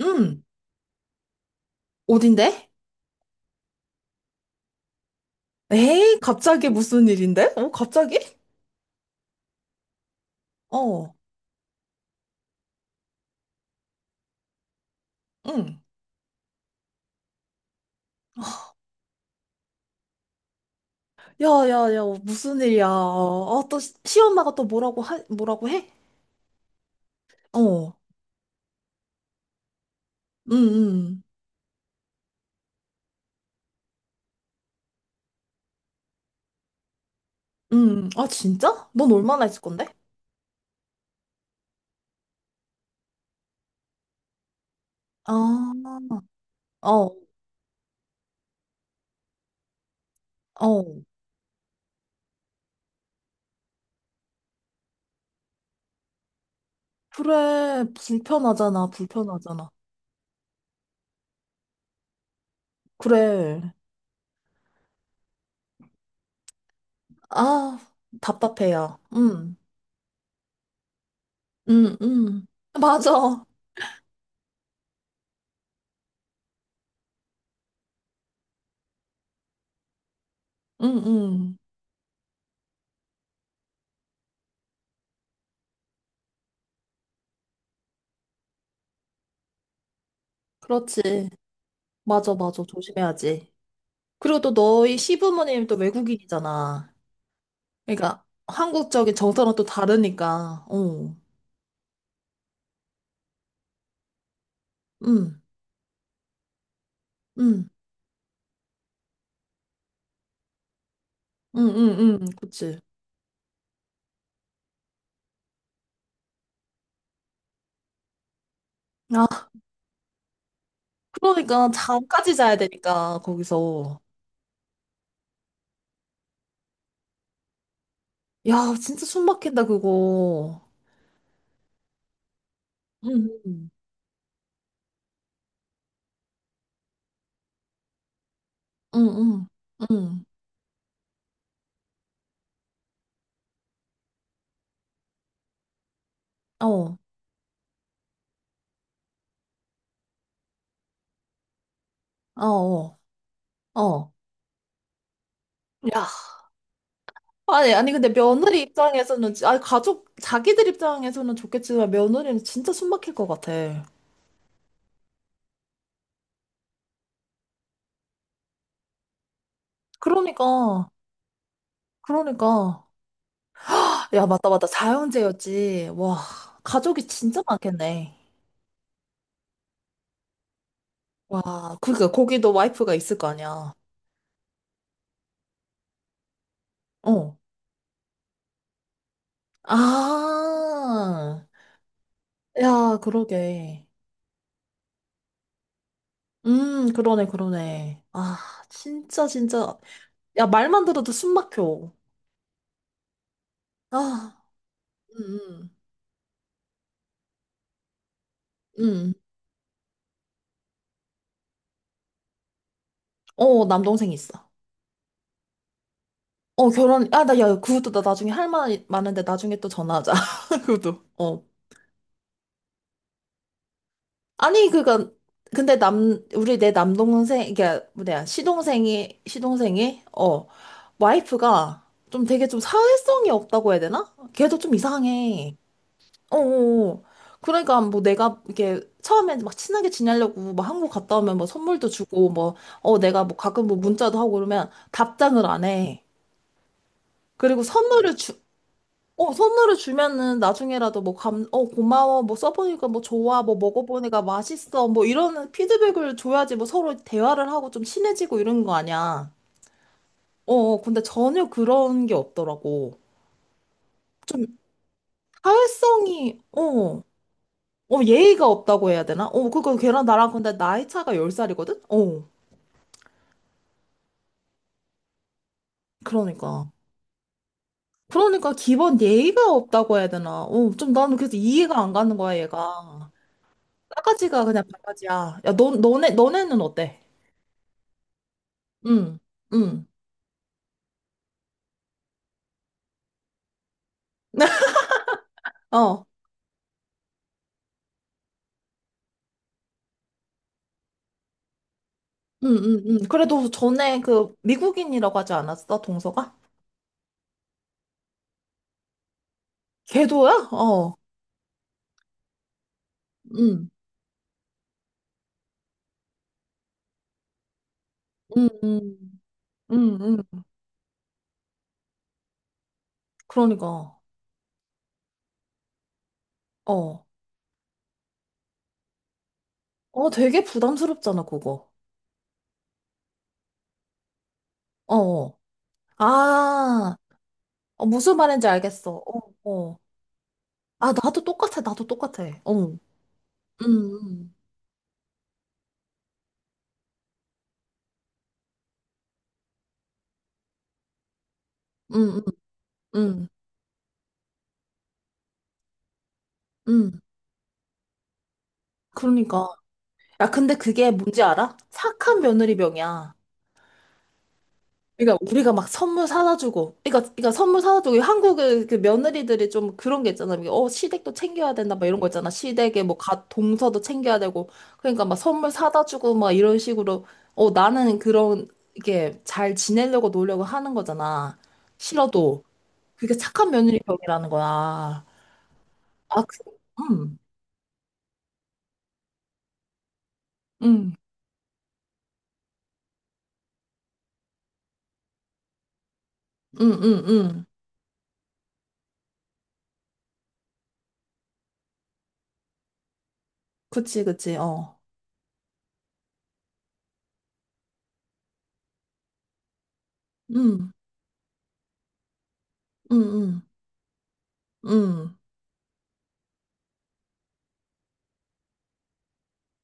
응. 어딘데? 에이, 갑자기 무슨 일인데? 어, 갑자기? 어, 응. 야, 야, 야, 무슨 일이야. 아, 또 시엄마가 또 뭐라고 해? 어, 응, 응, 응. 아, 진짜? 넌 얼마나 있을 건데? 아, 어, 어. 그래, 불편하잖아. 그래. 아, 답답해요. 응, 응, 응. 맞아. 응, 응. 그렇지. 맞아. 조심해야지. 그리고 또 너희 시부모님 또 외국인이잖아. 그러니까 한국적인 정서랑 또 다르니까. 어. 응. 응. 응. 응. 응. 그치. 아, 그러니까 잠까지 자야 되니까 거기서. 야, 진짜 숨 막힌다 그거. 응. 응. 응. 응. 응. 어. 어. 어. 어. 야. 아니, 아니 근데 며느리 입장에서는 아 가족 자기들 입장에서는 좋겠지만 며느리는 진짜 숨 막힐 것 같아. 그러니까. 그러니까. 야, 맞다. 자영제였지 와, 가족이 진짜 많겠네. 와, 그러니까 거기도 와이프가 있을 거 아니야. 어. 아, 야, 그러게. 그러네. 아, 진짜. 야, 말만 들어도 숨 막혀. 아, 음, 음, 음. 어, 남동생 있어. 어, 아, 야, 그것도 나 나중에 할 말 많은데 나중에 또 전화하자. 그것도. 어. 아니 그니까 근데 남 우리 내 남동생 이게 뭐냐 시동생이 어 와이프가 좀 되게 좀 사회성이 없다고 해야 되나? 걔도 좀 이상해. 어. 어. 어. 그러니까 뭐 내가 이렇게 처음에 막 친하게 지내려고 막 한국 갔다 오면 뭐 선물도 주고 뭐 어 내가 뭐 가끔 뭐 문자도 하고 그러면 답장을 안 해. 그리고 선물을 주, 어, 선물을 주면은 나중에라도 어, 고마워, 뭐 써보니까 뭐 좋아, 뭐 먹어보니까 맛있어, 뭐 이런 피드백을 줘야지 뭐 서로 대화를 하고 좀 친해지고 이런 거 아니야. 어, 어, 근데 전혀 그런 게 없더라고. 좀 어, 어, 예의가 없다고 해야 되나? 어, 그거 걔랑 나랑 근데 나이 차가 10살이거든? 어, 그러니까. 그러니까 기본 예의가 없다고 해야 되나? 어, 좀 나는 그래서 이해가 안 가는 거야, 얘가. 싸가지가 그냥 바가지야. 야, 너네는 어때? 응, 응. 어, 응, 응, 응. 그래도 전에 그 미국인이라고 하지 않았어, 동서가? 걔도야? 어, 응, 응, 응, 응, 응. 그러니까, 어. 어, 되게 부담스럽잖아, 그거. 어. 어. 아, 어, 무슨 말인지 알겠어. 어, 어. 아, 나도 똑같아. 어. 응, 응, 응, 응, 응. 응. 그러니까. 야, 근데 그게 뭔지 알아? 착한 며느리병이야. 그러니까 우리가 막 선물 사다 주고, 그러니까, 그러니까 선물 사다 주고 한국의 그 며느리들이 좀 그런 게 있잖아. 이게 어 시댁도 챙겨야 된다 막 이런 거 있잖아. 시댁에 동서도 챙겨야 되고, 그러니까 막 선물 사다 주고 막 이런 식으로 어 나는 그런 이게 잘 지내려고 노력을 하는 거잖아. 싫어도 그게 착한 며느리병이라는 거야. 아, 그, 음, 음, 음, 음, 음, 그치, 어, 음, 음, 음, 음.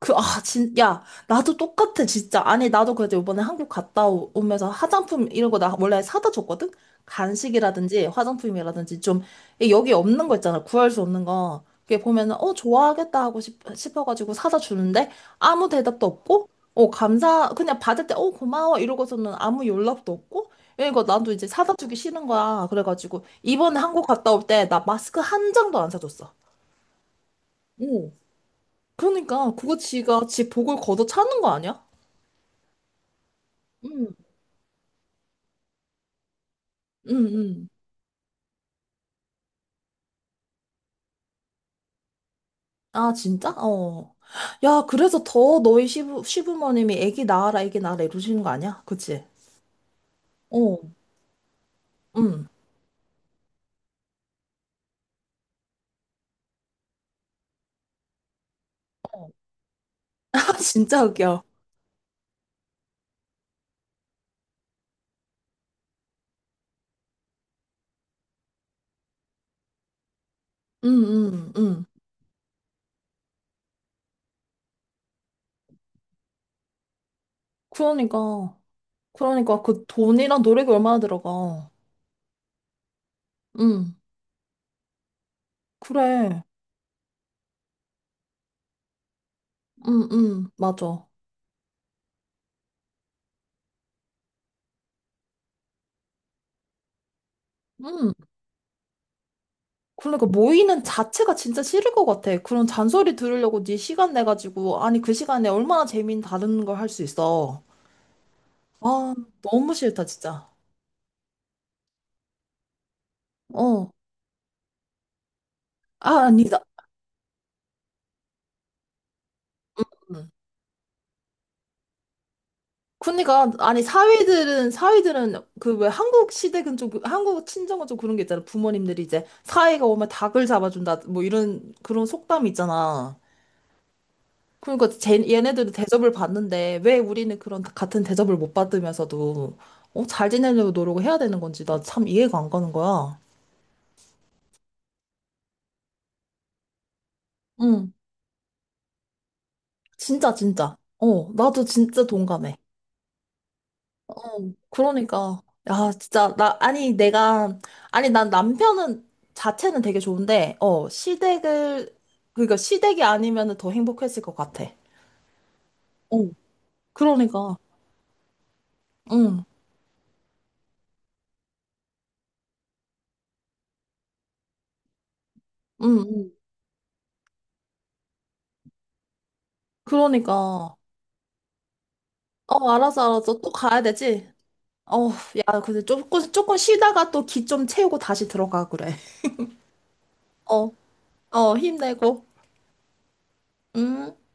야, 나도 똑같아, 진짜. 아니, 나도 그래도 이번에 한국 오면서 화장품 이런 거 나 원래 사다 줬거든? 간식이라든지 화장품이라든지 좀, 이 여기 없는 거 있잖아. 구할 수 없는 거. 그게 보면은, 어, 좋아하겠다 싶어가지고 사다 주는데 아무 대답도 없고, 어, 그냥 받을 때, 어, 고마워. 이러고서는 아무 연락도 없고, 이거 나도 이제 사다 주기 싫은 거야. 그래가지고, 이번에 한국 갔다 올 때 나 마스크 한 장도 안 사줬어. 그러니까 그거 지가 지 복을 걷어 차는 거 아니야? 응 응, 응. 아, 진짜? 어. 야, 그래서 더 너희 시부모님이 애기 낳아라, 애기 낳아라 이러시는 거 아니야? 그치? 어. 응. 아, 진짜 웃겨. 응, 응, 응. 그러니까. 그러니까 그 돈이랑 노력이 얼마나 들어가. 응. 그래. 응, 응. 맞아. 응. 그러니까 모이는 자체가 진짜 싫을 것 같아. 그런 잔소리 들으려고 네 시간 내가지고, 아니, 그 시간에 얼마나 재미있는 다른 걸 할 수 있어. 아, 너무 싫다, 진짜. 어. 아, 아니다. 음. 그러니까, 아니, 사위들은, 그, 왜, 한국 시댁은 좀, 한국 친정은 좀 그런 게 있잖아. 부모님들이 이제, 사위가 오면 닭을 잡아준다, 뭐, 이런, 그런 속담이 있잖아. 그러니까, 쟤, 얘네들도 대접을 받는데, 왜 우리는 그런, 같은 대접을 못 받으면서도, 어, 잘 지내려고 노력을 해야 되는 건지, 나 참 이해가 안 가는 거야. 응, 진짜. 어, 나도 진짜 동감해. 그러니까 야 진짜 나 아니 내가 아니 난 남편은 자체는 되게 좋은데 어 시댁을 그러니까 시댁이 아니면은 더 행복했을 것 같아. 어 그러니까 응 응 응 그러니까 어 알았어 또 가야 되지. 어 야 근데 조금 쉬다가 또 기 좀 채우고 다시 들어가 그래. 어 어 힘내고 음.